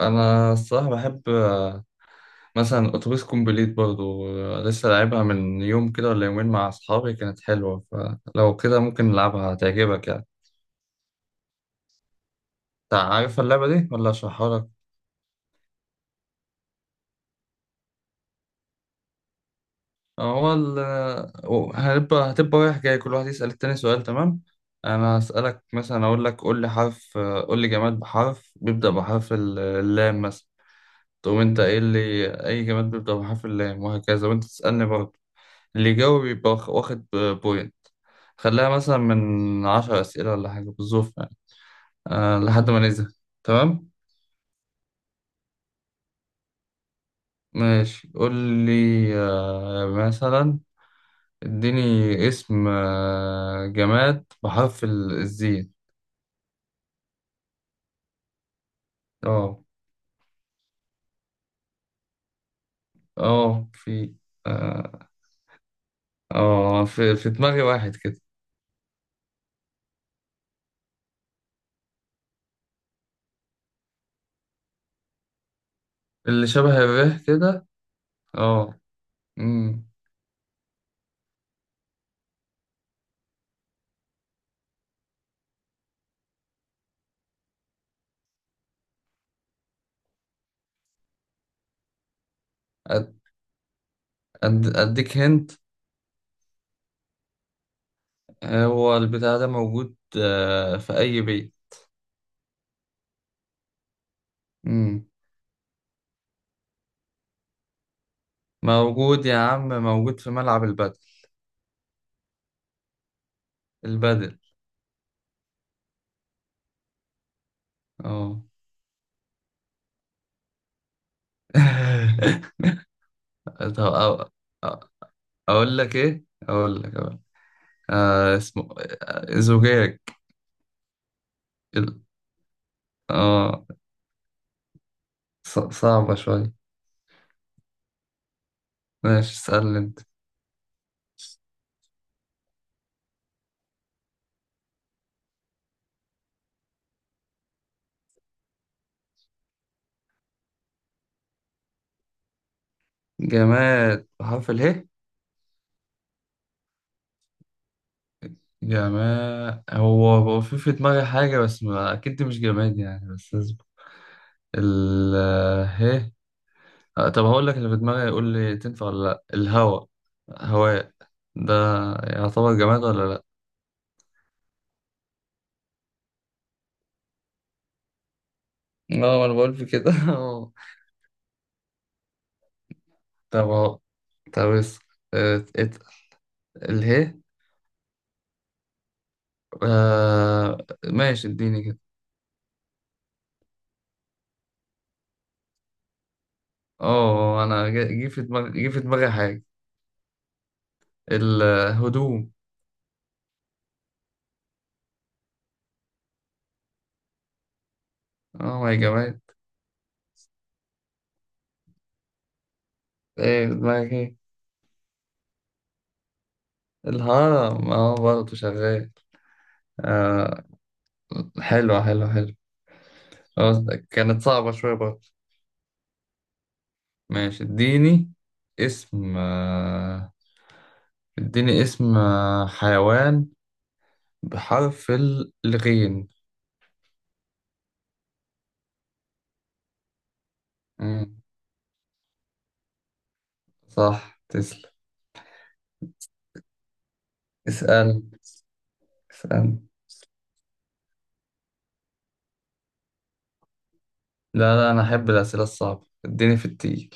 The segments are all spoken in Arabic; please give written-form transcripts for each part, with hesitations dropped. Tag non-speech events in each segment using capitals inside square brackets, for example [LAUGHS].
انا الصراحه بحب مثلا اتوبيس كومبليت برضو لسه لعبها من يوم كده ولا يومين مع اصحابي، كانت حلوه. فلو كده ممكن نلعبها، هتعجبك يعني. انت عارف اللعبه دي ولا اشرحها لك؟ هو ال- آه، هتبقى رايح جاي، كل واحد يسال التاني سؤال، تمام؟ انا هسالك مثلا، اقول لك قول لي حرف، قول لي جماد بحرف، بيبدا بحرف اللام مثلا. تقوم انت ايه اللي اي جماد بيبدا بحرف اللام، وهكذا، وانت تسالني برضه. اللي يجاوب يبقى واخد بوينت. خليها مثلا من 10 أسئلة ولا حاجة، بالظبط يعني، أه لحد ما نزهق. تمام ماشي. قول لي، أه مثلا اديني اسم جماد بحرف الزين. اه. اه في. اه. في دماغي واحد كده، اللي شبه الريح كده. اه. أمم. أد- اديك هنت. هو البتاع ده موجود في اي بيت. موجود يا عم، موجود في ملعب البدل. البدل. اه. [LAUGHS] طب أو- اقول لك ايه، اقول لك. آه اسمه. آه زجاج. ال- اه. صعبة شوية. ماشي اسألني انت. جماد بحرف اله. جماد، هو في دماغي حاجة، بس ما... اكيد دي مش جماد يعني، بس اصبر. ال ه طب هقول لك اللي في دماغي، يقول لي تنفع ولا لا. الهواء. هواء ده يعتبر جماد ولا لا؟ اه ما انا بقول في كده [LAUGHS] اه. طب اه. طب اس ات ات اله آه ماشي، اديني كده. اه انا جه في دماغي حاجة. الهدوم. اه يا جماعة. ايه في دماغك، ايه؟ الهرم. اه برضه شغال. آه. حلو حلو حلو. خلاص، ده كانت صعبة شوية برضه. ماشي، اسم آه اديني اسم حيوان بحرف الغين. صح تسلم. اسأل اسأل. لا لا، أنا أحب الأسئلة الصعبة، اديني في التقيل.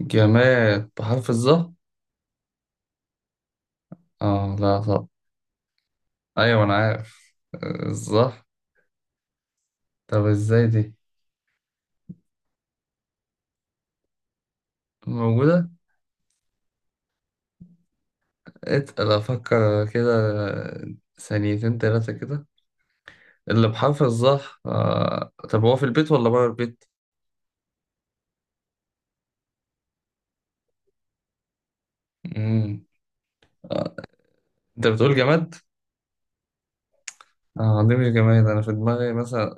جماد بحرف الظهر. اه لا صح. أيوة أنا عارف الظهر. طب ازاي دي؟ موجودة. اتقل أفكر كده، ثانيتين تلاتة كده. اللي بحرف الظهر آه. طب هو في البيت ولا بره البيت؟ مم. آه. أنت بتقول جماد؟ اه دي مش جماد، أنا في دماغي مثلا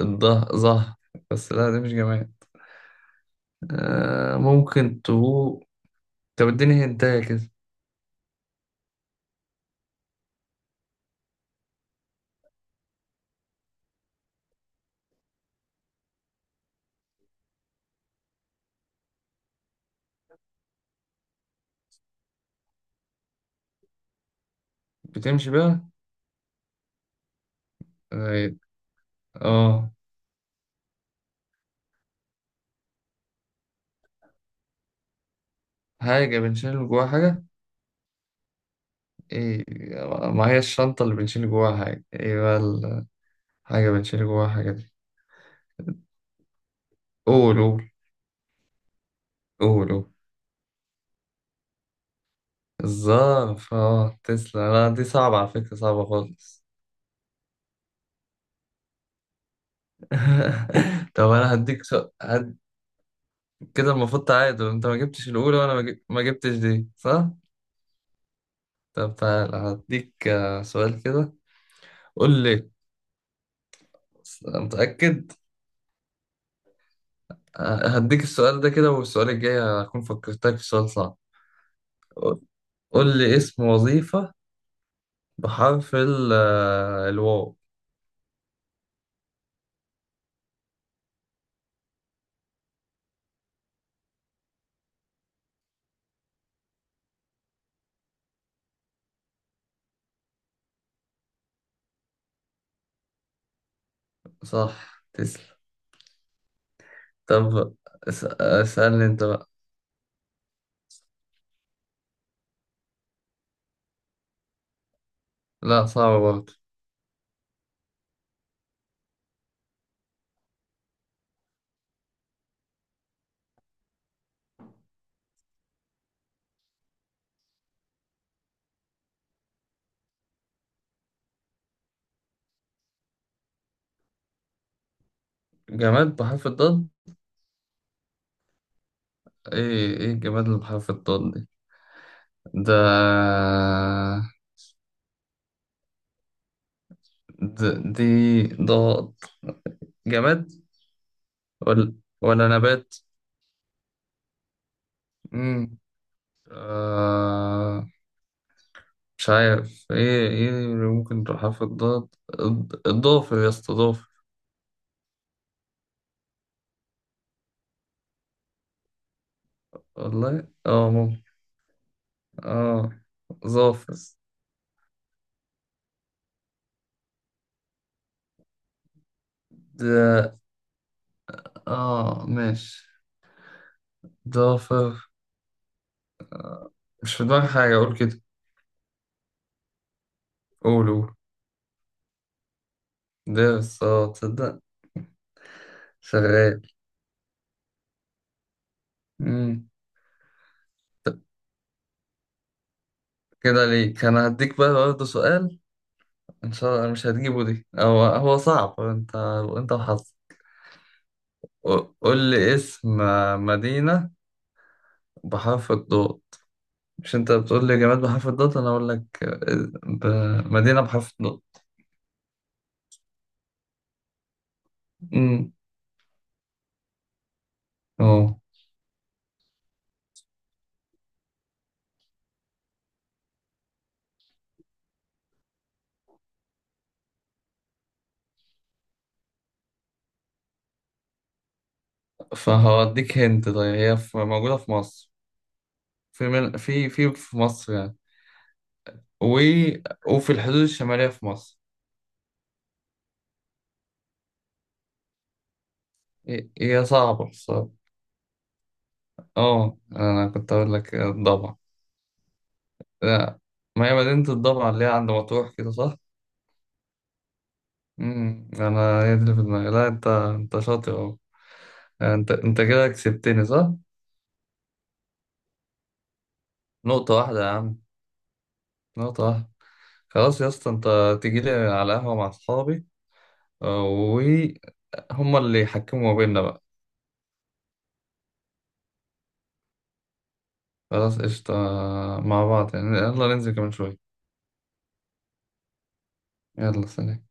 الظهر ظهر، بس لا دي مش جماد. ممكن تقول. طب اديني هنتاية كده. بتمشي بقى. طيب، اه. حاجة بنشيل جواها حاجة. ايه؟ ما هي الشنطة اللي بنشيل جواها حاجة، ايه بقى الحاجة بنشيل جواها حاجة دي؟ قول قول. قول قول. الظرف. اه تسلا، لا دي صعبة على فكرة، صعبة خالص. [LAUGHS] طب انا هديك سؤال كده. المفروض تعادل، انت ما جبتش الاولى وانا ما جبتش دي، صح؟ طب تعالى هديك سؤال كده. قول لي. متأكد. هديك السؤال ده كده، والسؤال الجاي هكون فكرتك في سؤال صعب. قول لي اسم وظيفة بحرف الواو. صح تسلم. طب اسألني انت بقى. لا صعب برضه. جماد بحرف الضاد. ايه ايه الجماد اللي بحرف الضاد دي؟ ده. دي. ضاد. جماد، ولا. ولا نبات؟ مم. آه. مش عارف ايه ايه اللي ممكن تروح حرف الضاد. الضافر يا اسطى، ضافر. والله اه ممكن. اه. ظافر. ده. اه ماشي. ضافر. مش في دماغي حاجة اقول كده. قول قول. ده بس اه تصدق شغال. مم. طب كده ليك، انا هديك بقى برضه سؤال، ان شاء الله مش هتجيبه دي. هو هو صعب انت، انت وحظك. قول لي اسم مدينة بحرف الضاد. مش انت بتقول لي جماد بحرف الضاد، انا اقول لك مدينة بحرف الضاد. امم. اه. فهوديك هنت، طيب هي موجودة في مصر. في في مصر يعني. و... وفي الحدود الشمالية في مصر. هي صعبة الصراحة. اه انا كنت اقول لك الضبع. لا، ما هي مدينة الضبع اللي هي عند مطروح كده، صح؟ انا هي دي اللي في دماغي، لا انت انت شاطر اهو. انت كده كسبتني صح؟ نقطة واحدة يا عم. نقطة واحدة. خلاص يا اسطى، انت تيجي لي على قهوة مع اصحابي وهم اللي يحكموا ما بيننا بقى. خلاص قشطة مع بعض يعني، يلا ننزل كمان شوية. يلا سلام.